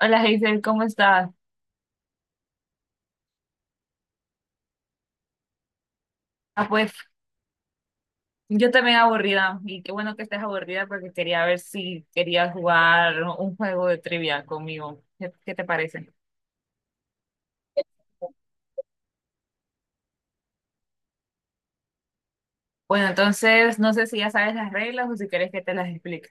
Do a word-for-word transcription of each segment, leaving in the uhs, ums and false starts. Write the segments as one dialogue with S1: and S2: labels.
S1: Hola Hazel, ¿cómo estás? Ah, pues yo también aburrida y qué bueno que estés aburrida porque quería ver si querías jugar un juego de trivia conmigo. ¿Qué, qué te parece? Bueno, entonces no sé si ya sabes las reglas o si quieres que te las explique.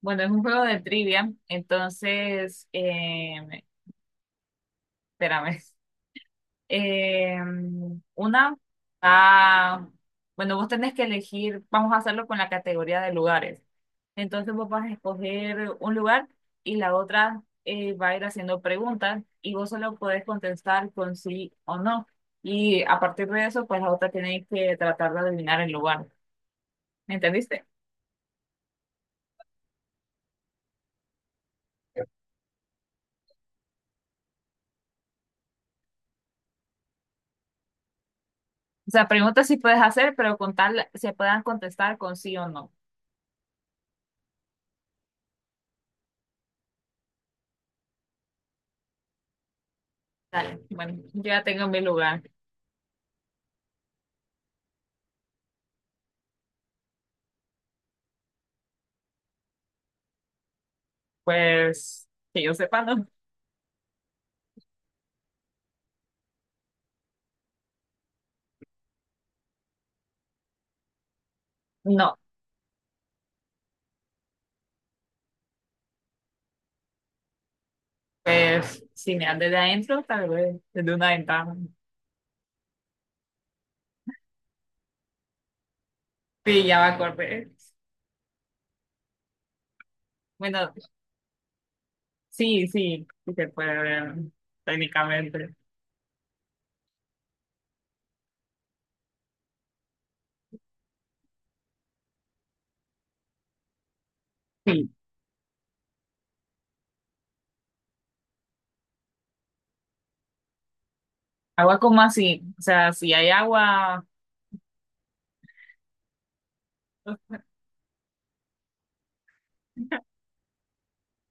S1: Bueno, es un juego de trivia, entonces, eh, espérame. Eh, una, ah, bueno, vos tenés que elegir, vamos a hacerlo con la categoría de lugares. Entonces vos vas a escoger un lugar y la otra eh, va a ir haciendo preguntas y vos solo podés contestar con sí o no. Y a partir de eso, pues la otra tiene que tratar de adivinar el lugar. ¿Me entendiste? O sea, preguntas sí puedes hacer, pero con tal se puedan contestar con sí o no. Dale. Bueno, yo ya tengo mi lugar. Pues que yo sepa, ¿no? No. Pues si miras desde adentro, tal vez desde una ventana. Sí, ya me acordé. Bueno, sí, sí, sí se puede ver técnicamente. Sí, agua como así, o sea, si hay agua,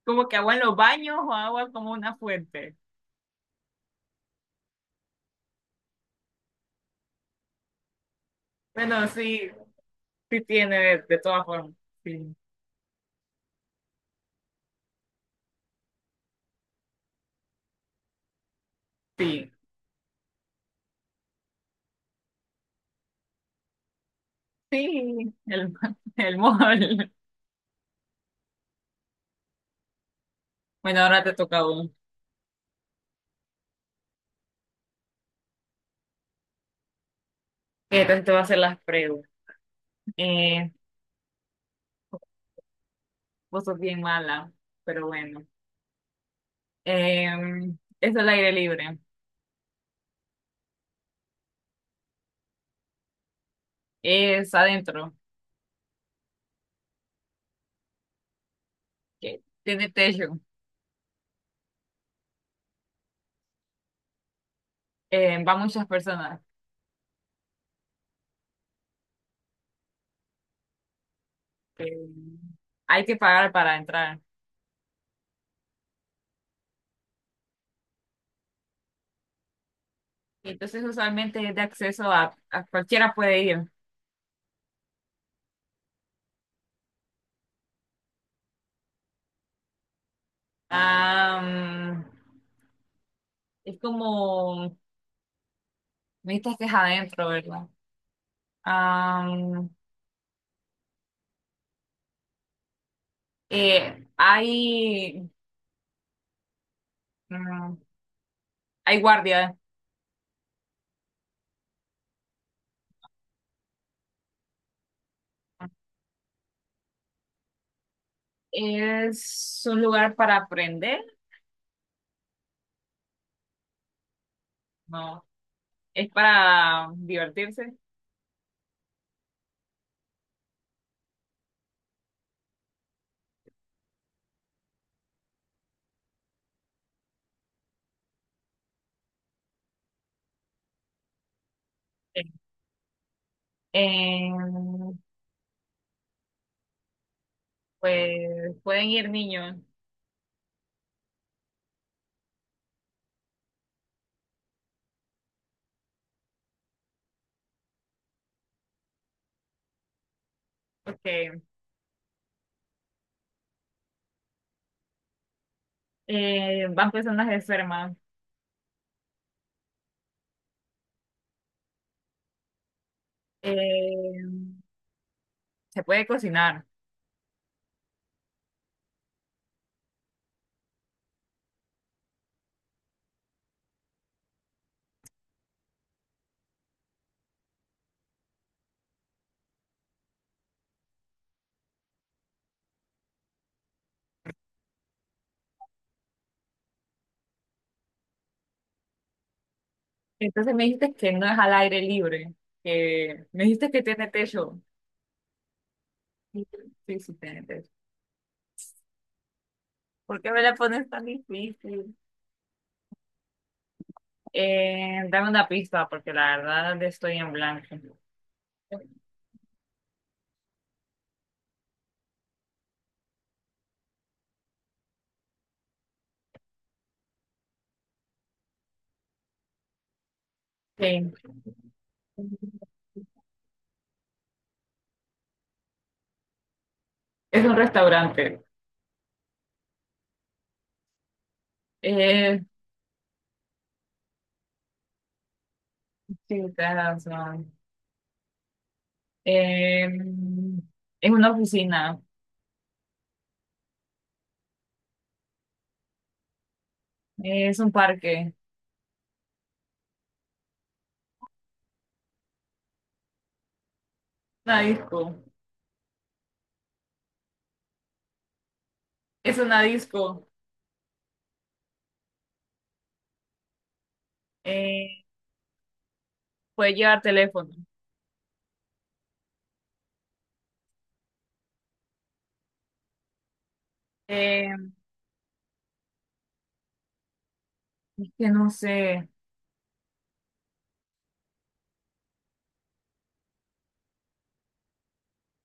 S1: como que agua en los baños o agua como una fuente. Bueno, sí, sí tiene de, de todas formas. Sí, sí, sí, el, el mol. Bueno, ahora te toca a vos. Entonces te voy a hacer las preguntas. Eh, vos sos bien mala, pero bueno. Em, es al aire libre, es adentro, que tiene techo, em, va muchas personas, em, hay que pagar para entrar. Y entonces usualmente es de acceso a, a cualquiera puede ir. Am, es como, viste que es adentro, ¿verdad? Am, eh, hay, mm, hay guardia. ¿Es un lugar para aprender? No, es para divertirse. eh pues pueden ir niños, porque eh, van personas enfermas. eh se puede cocinar. Entonces me dijiste que no es al aire libre, que me dijiste que tiene techo. Sí, sí, sí tiene techo. ¿Por qué me la pones tan difícil? Eh, dame una pista, porque la verdad estoy en blanco. Sí. Es un restaurante. Eh, sí, tienes razón. Eh, es una oficina. Es un parque, una disco, es una disco. Eh, puedes llevar teléfono. Eh, es que no sé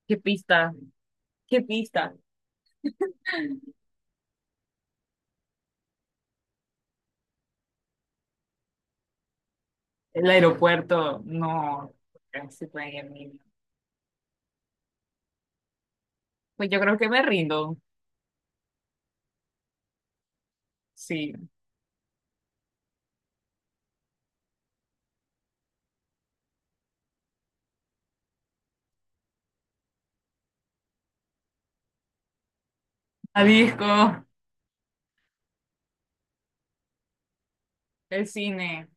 S1: qué pista, qué pista. El aeropuerto, no, se puede ir niño. Pues yo creo que me rindo. Sí, la disco, el cine,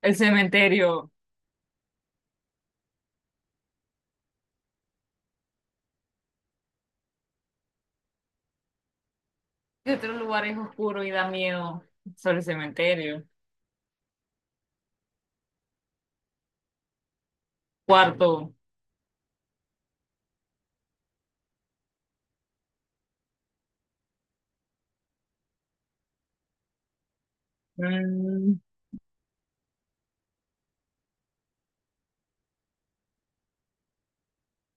S1: el cementerio. ¿Qué otro lugar es oscuro y da miedo? Solo el cementerio. Cuarto, mm,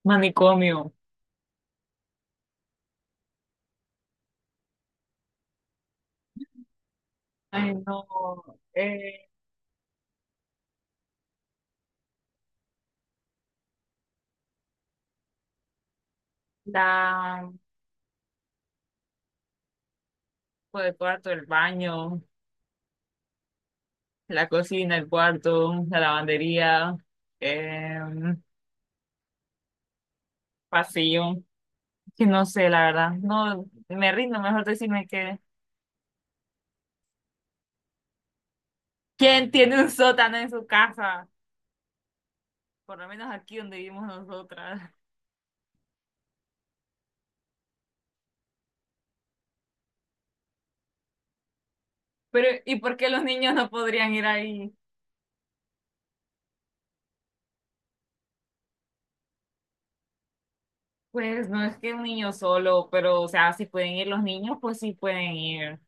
S1: manicomio. Ay, no. Eh, la pues el cuarto, el baño, la cocina, el cuarto, la lavandería, em, pasillo. Que no sé, la verdad. No, me rindo, mejor decirme que. ¿Quién tiene un sótano en su casa? Por lo menos aquí donde vivimos nosotras. Pero, ¿y por qué los niños no podrían ir ahí? Pues no es que un niño solo, pero, o sea, si pueden ir los niños, pues sí pueden ir.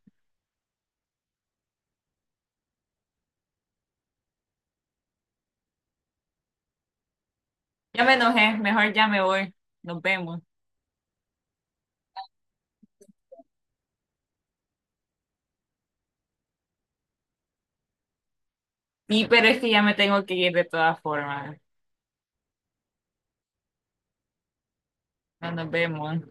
S1: Ya me enojé, mejor ya me voy. Nos vemos. Sí, pero es que ya me tengo que ir de todas formas. No nos vemos.